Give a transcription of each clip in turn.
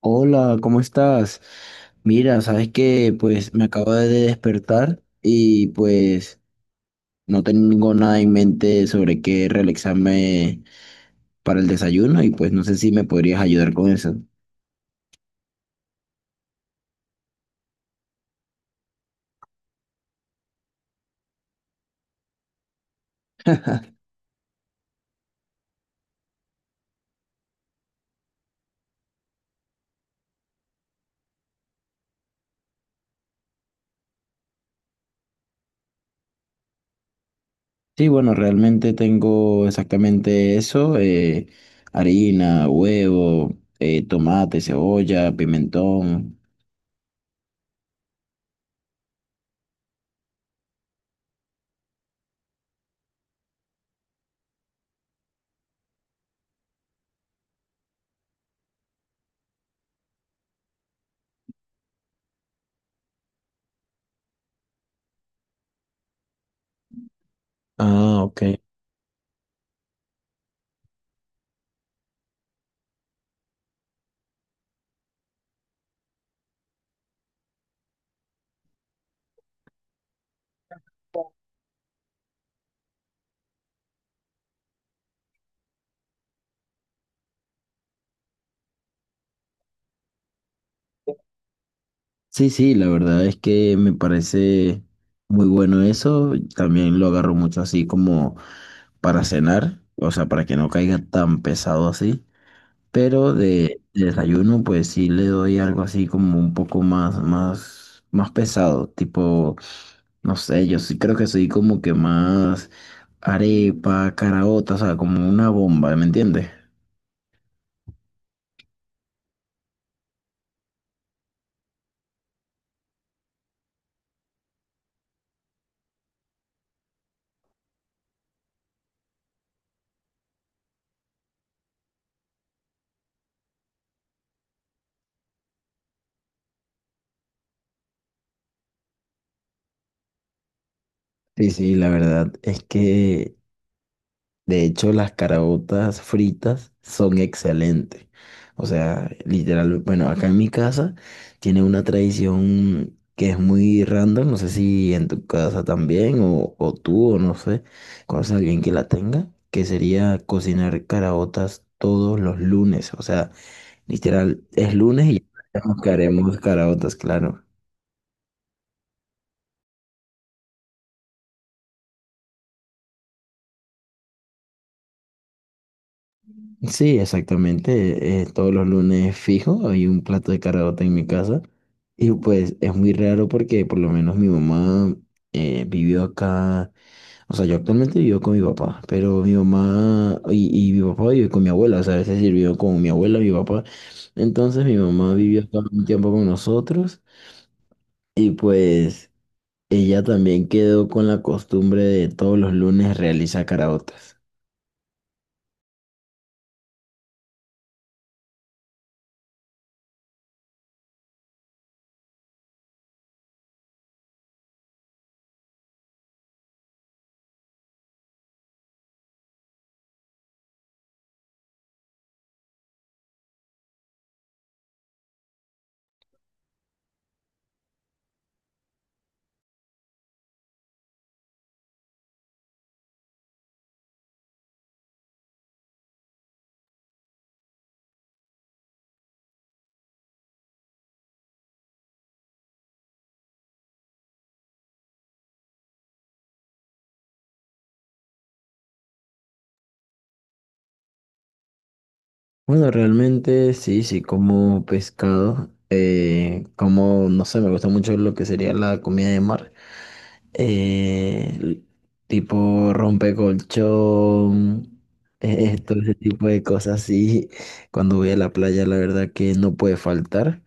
Hola, ¿cómo estás? Mira, sabes que pues me acabo de despertar y pues no tengo nada en mente sobre qué realizarme para el desayuno y pues no sé si me podrías ayudar con eso. Sí, bueno, realmente tengo exactamente eso, harina, huevo, tomate, cebolla, pimentón. Ah, ok. Sí, sí, la verdad es que me parece muy bueno eso. También lo agarro mucho así como para cenar, o sea, para que no caiga tan pesado así. Pero de desayuno, pues sí le doy algo así como un poco más, más, más pesado, tipo, no sé, yo sí creo que soy como que más arepa, caraota, o sea, como una bomba, ¿me entiendes? Sí, sí, la verdad es que de hecho, las caraotas fritas son excelentes. O sea, literal, bueno, acá en mi casa tiene una tradición que es muy random. No sé si en tu casa también o tú o no sé, conoces a alguien que la tenga, que sería cocinar caraotas todos los lunes. O sea, literal, es lunes y ya nos haremos caraotas, claro. Sí, exactamente. Todos los lunes fijo, hay un plato de caraota en mi casa. Y pues es muy raro porque por lo menos mi mamá vivió acá. O sea, yo actualmente vivo con mi papá, pero mi mamá y, mi papá vive con mi abuela. O sea, a veces sí vivo con mi abuela, mi papá. Entonces mi mamá vivió acá un tiempo con nosotros. Y pues ella también quedó con la costumbre de todos los lunes realizar caraotas. Bueno, realmente sí, sí, como pescado, como, no sé, me gusta mucho lo que sería la comida de mar, eh, l- tipo rompecolchón, todo ese tipo de cosas, sí, cuando voy a la playa, la verdad que no puede faltar.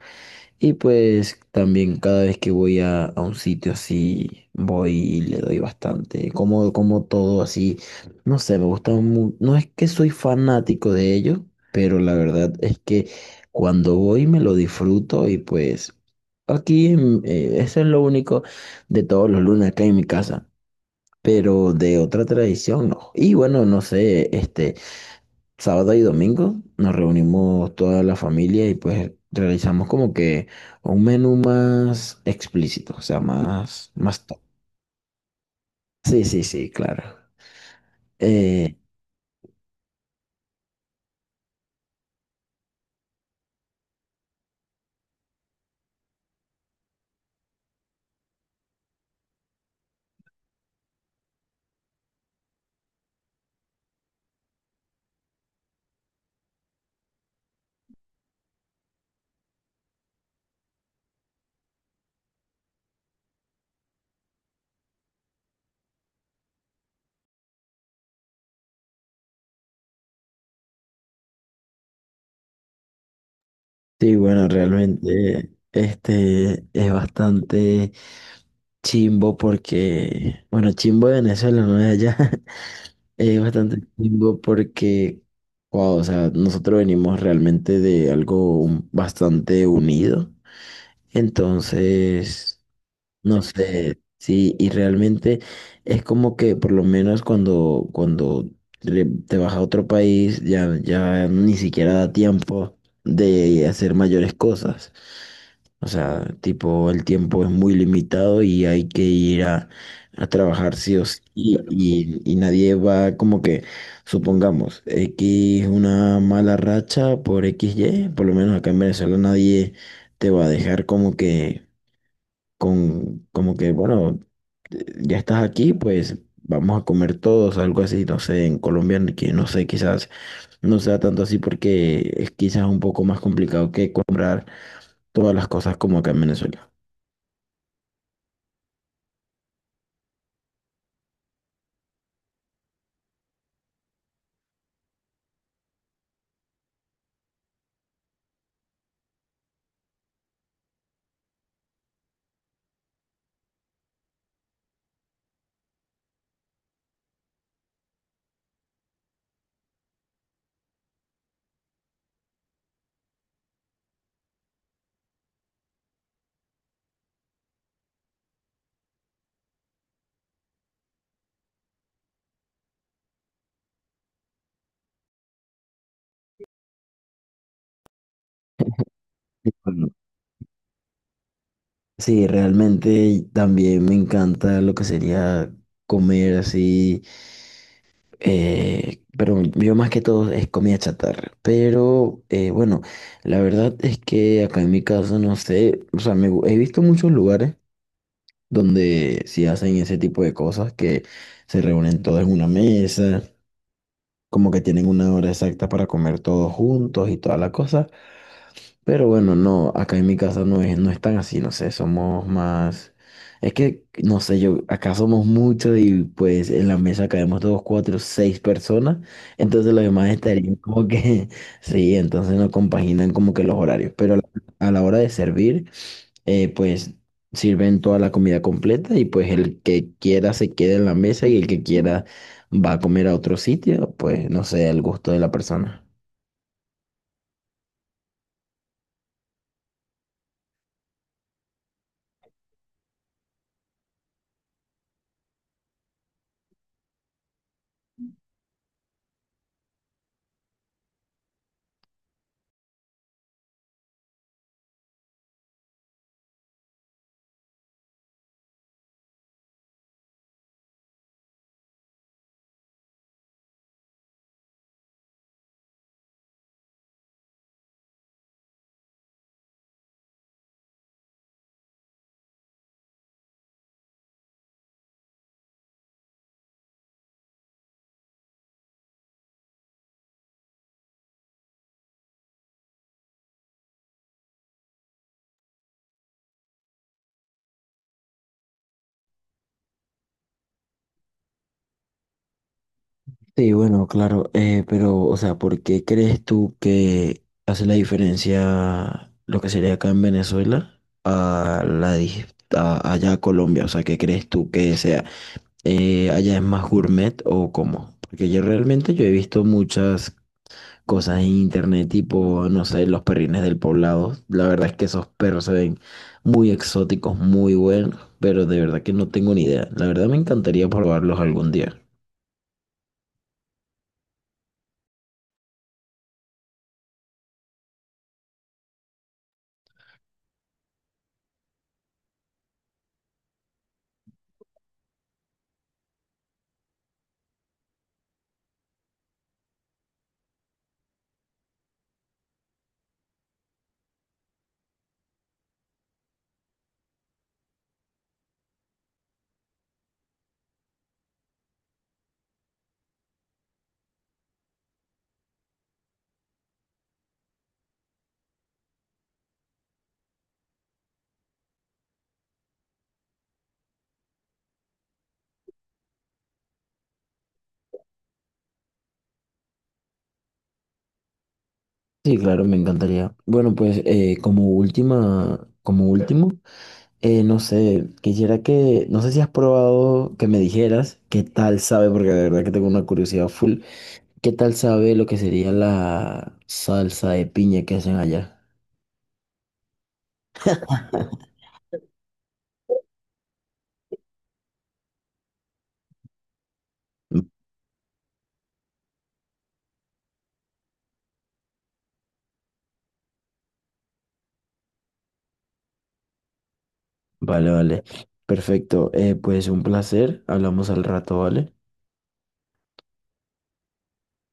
Y pues también cada vez que voy a un sitio así, voy y le doy bastante, como, como todo así, no sé, me gusta mucho, no es que soy fanático de ellos, pero la verdad es que cuando voy me lo disfruto y pues eso es lo único de todos los lunes acá en mi casa, pero de otra tradición no. Y bueno, no sé, este, sábado y domingo nos reunimos toda la familia y pues realizamos como que un menú más explícito, o sea, más, más top. Sí, sí, sí, claro. Eh, sí, bueno, realmente este es bastante chimbo porque, bueno, chimbo de Venezuela, no de allá, es bastante chimbo porque, wow, o sea, nosotros venimos realmente de algo bastante unido. Entonces... No sé, sí, y realmente es como que por lo menos cuando te vas a otro país ya ni siquiera da tiempo de hacer mayores cosas. O sea, tipo, el tiempo es muy limitado y hay que ir a trabajar sí o sí y, claro, y nadie va como que, supongamos, X una mala racha por x y por lo menos acá en Venezuela nadie te va a dejar como que con como que, bueno, ya estás aquí, pues vamos a comer todos, algo así, no sé, en Colombia, ni que no sé, quizás no sea tanto así porque es quizás un poco más complicado que comprar todas las cosas como acá en Venezuela. Bueno, sí, realmente también me encanta lo que sería comer así, pero yo más que todo es comida chatarra. Pero bueno, la verdad es que acá en mi casa, no sé, o sea, he visto muchos lugares donde sí hacen ese tipo de cosas que se reúnen todos en una mesa, como que tienen una hora exacta para comer todos juntos y toda la cosa. Pero bueno, no, acá en mi casa no es, no es tan así, no sé, somos más... Es que, no sé, yo, acá somos muchos y pues en la mesa caemos dos, cuatro, seis personas, entonces los demás estarían como que, sí, entonces no compaginan como que los horarios, pero a la hora de servir pues sirven toda la comida completa y pues el que quiera se queda en la mesa y el que quiera va a comer a otro sitio, pues no sé, al gusto de la persona. Sí, bueno, claro, pero, o sea, ¿por qué crees tú que hace la diferencia lo que sería acá en Venezuela a la allá a Colombia? O sea, ¿qué crees tú que sea? ¿Allá es más gourmet o cómo? Porque yo realmente yo he visto muchas cosas en internet, tipo, no sé, los perrines del poblado. La verdad es que esos perros se ven muy exóticos, muy buenos, pero de verdad que no tengo ni idea. La verdad me encantaría probarlos algún día. Sí, claro, me encantaría. Bueno, pues como último, no sé, quisiera que, no sé si has probado que me dijeras qué tal sabe, porque de verdad que tengo una curiosidad full, qué tal sabe lo que sería la salsa de piña que hacen allá. Vale, vale. Perfecto. Pues un placer. Hablamos al rato, ¿vale?